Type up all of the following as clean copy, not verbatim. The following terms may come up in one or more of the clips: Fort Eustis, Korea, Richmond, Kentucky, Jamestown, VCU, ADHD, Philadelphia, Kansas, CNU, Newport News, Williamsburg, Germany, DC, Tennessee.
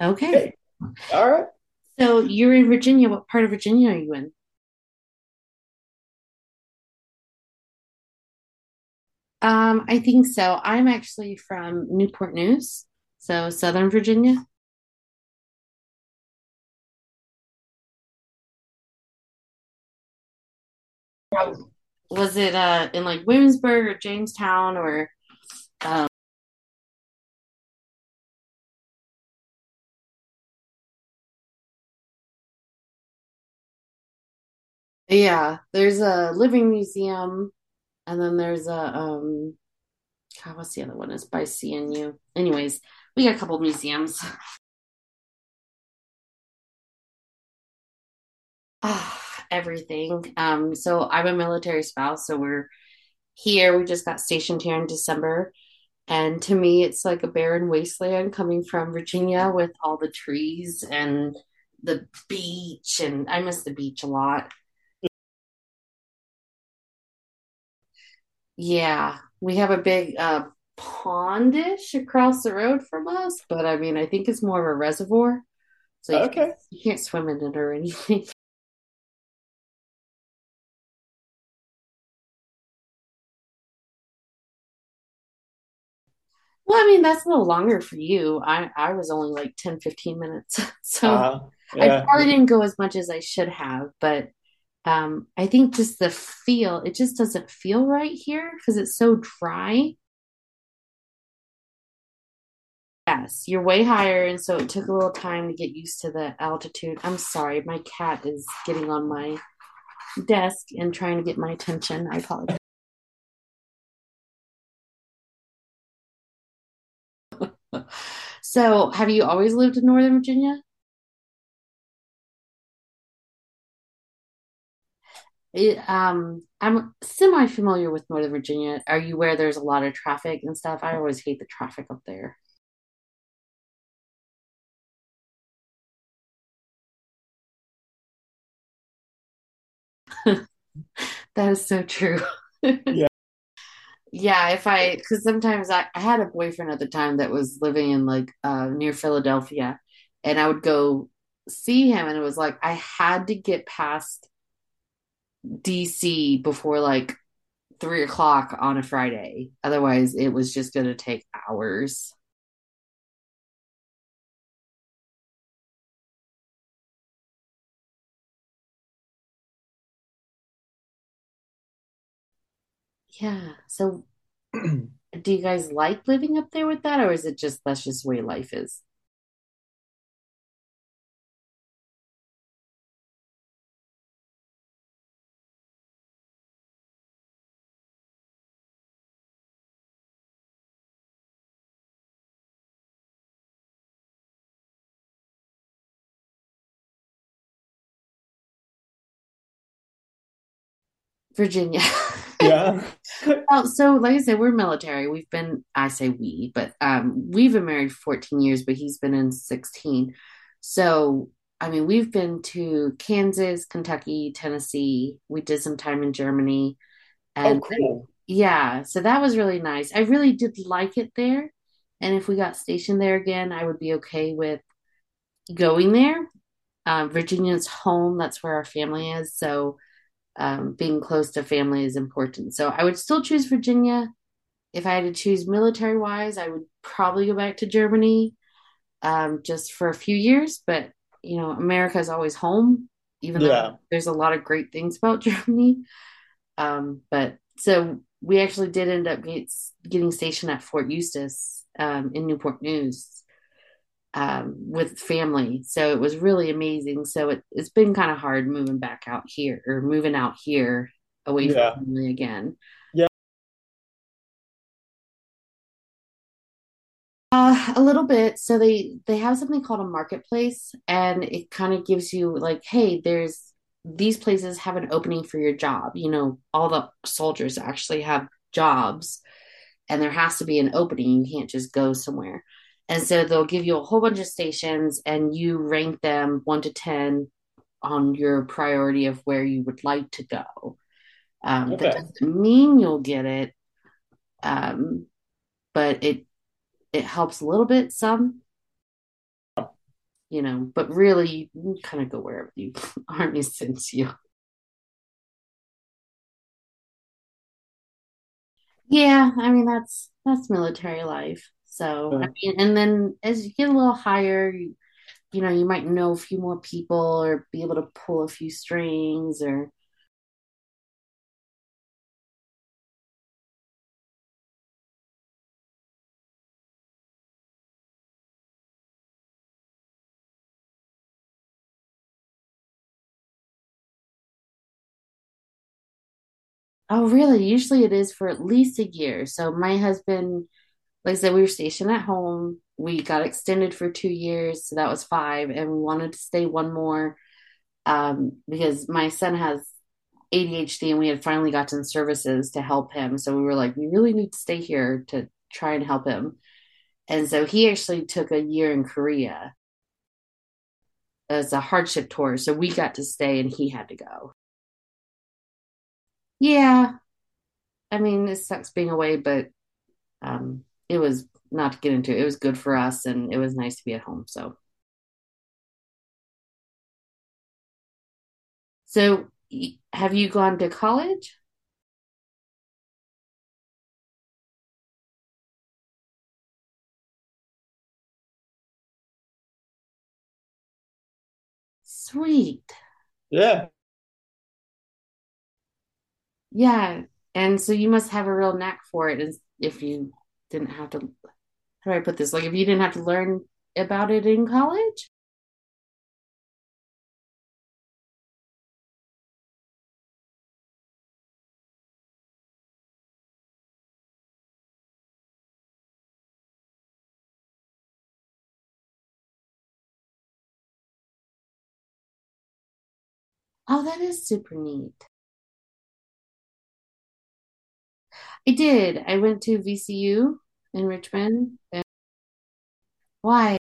Okay. Okay. All right. So you're in Virginia. What part of Virginia are you in? I think so. I'm actually from Newport News, so Southern Virginia. Was it in like Williamsburg or Jamestown or? Um, yeah, there's a living museum, and then there's a God, what's the other one? It's by CNU. Anyways, we got a couple museums. Ah, everything. So I'm a military spouse, so we're here. We just got stationed here in December. And to me, it's like a barren wasteland coming from Virginia with all the trees and the beach. And I miss the beach a lot. Yeah, we have a big pondish across the road from us, but I mean, I think it's more of a reservoir. So okay, can't, you can't swim in it or anything. Well, I mean, that's a little longer for you. I was only like 10, 15 minutes. So uh, yeah. I probably didn't go as much as I should have, but I think just the feel, it just doesn't feel right here because it's so dry. Yes, you're way higher, and so it took a little time to get used to the altitude. I'm sorry, my cat is getting on my desk and trying to get my attention. I apologize. So, have you always lived in Northern Virginia? I'm semi familiar with Northern Virginia. Are you where there's a lot of traffic and stuff? I always hate the traffic up there. That is so true. Yeah. Yeah, if I, because sometimes I had a boyfriend at the time that was living in like near Philadelphia, and I would go see him, and it was like I had to get past DC before like 3 o'clock on a Friday. Otherwise, it was just going to take hours. Yeah. So, do you guys like living up there with that, or is it just that's just the way life is? Virginia. Yeah. Well, so like I said, we're military. We've been, I say we, but we've been married 14 years, but he's been in 16. So, I mean, we've been to Kansas, Kentucky, Tennessee. We did some time in Germany. And oh, cool, yeah, so that was really nice. I really did like it there. And if we got stationed there again, I would be okay with going there. Virginia's home, that's where our family is. So, being close to family is important. So I would still choose Virginia. If I had to choose military wise, I would probably go back to Germany just for a few years. But, you know, America is always home, even yeah, though there's a lot of great things about Germany. But so we actually did end up get, getting stationed at Fort Eustis in Newport News with family. So it was really amazing. So it's been kind of hard moving back out here or moving out here away, yeah, from family again. Yeah. A little bit. So they have something called a marketplace, and it kind of gives you like, hey, there's these places have an opening for your job. You know, all the soldiers actually have jobs, and there has to be an opening. You can't just go somewhere. And so they'll give you a whole bunch of stations, and you rank them one to ten on your priority of where you would like to go. Okay. That doesn't mean you'll get it, um, but it helps a little bit, some, you know. But really, you kind of go wherever the army sends you. Yeah, I mean that's military life. So mm, I, yeah, mean, and then as you get a little higher, you know, you might know a few more people or be able to pull a few strings or. Oh, really? Usually it is for at least a year. So my husband, like I said, we were stationed at home. We got extended for 2 years, so that was five, and we wanted to stay one more because my son has ADHD, and we had finally gotten services to help him. So we were like, we really need to stay here to try and help him. And so he actually took a year in Korea as a hardship tour. So we got to stay, and he had to go. Yeah, I mean, it sucks being away, but um, it was not to get into. It was good for us, and it was nice to be at home. So, so, have you gone to college? Sweet. Yeah. Yeah. And so you must have a real knack for it if you didn't have to, how do I put this? Like, if you didn't have to learn about it in college? Oh, that is super neat. I did. I went to VCU in Richmond. And why?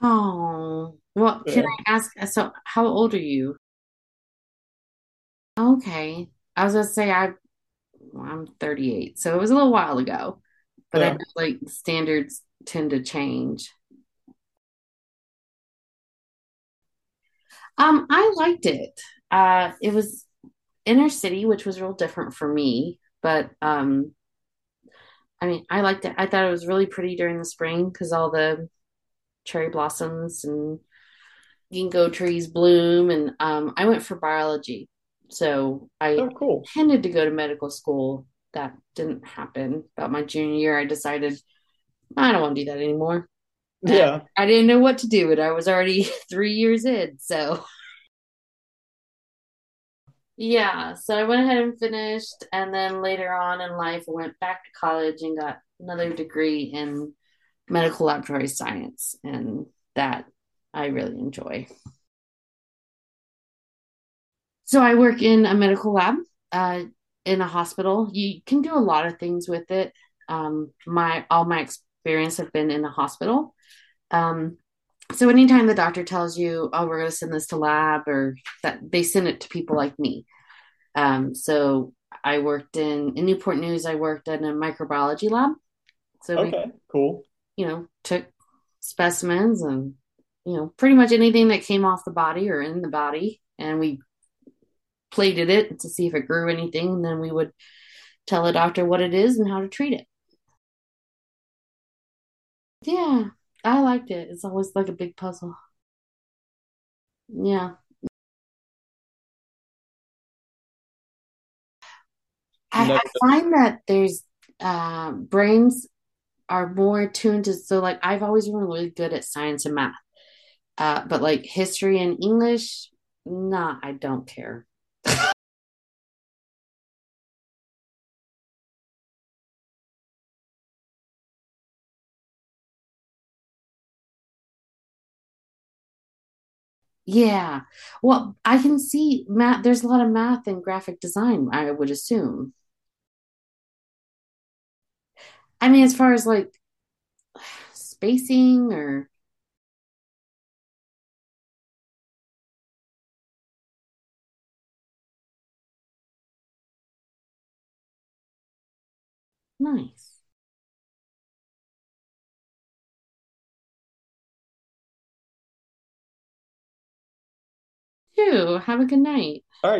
Oh, well, yeah, can, yeah, I ask? So, how old are you? Okay. I was gonna say I, well, I'm 38, so it was a little while ago. But I, yeah, I know like standards tend to change. I liked it. It was inner city, which was real different for me, but I mean, I liked it. I thought it was really pretty during the spring because all the cherry blossoms and ginkgo trees bloom, and I went for biology, so I, oh, cool, intended to go to medical school. That didn't happen. About my junior year, I decided I don't want to do that anymore. Yeah. I didn't know what to do, but I was already 3 years in, so. Yeah, so I went ahead and finished, and then later on in life, I went back to college and got another degree in medical laboratory science, and that I really enjoy. So I work in a medical lab uh, in a hospital. You can do a lot of things with it. My all my experience have been in a hospital. Um, so anytime the doctor tells you, "Oh, we're going to send this to lab," or that they send it to people like me. So I worked in Newport News. I worked in a microbiology lab. So okay, cool, you know, took specimens and you know pretty much anything that came off the body or in the body, and we plated it to see if it grew anything, and then we would tell the doctor what it is and how to treat it. Yeah, I liked it. It's always like a big puzzle. Yeah, I find that there's brains are more attuned to so like I've always been really good at science and math. But like history and English, nah, I don't care. Yeah. Well, I can see math. There's a lot of math and graphic design, I would assume. I mean, as far as like spacing or nice. You have a good night. All right.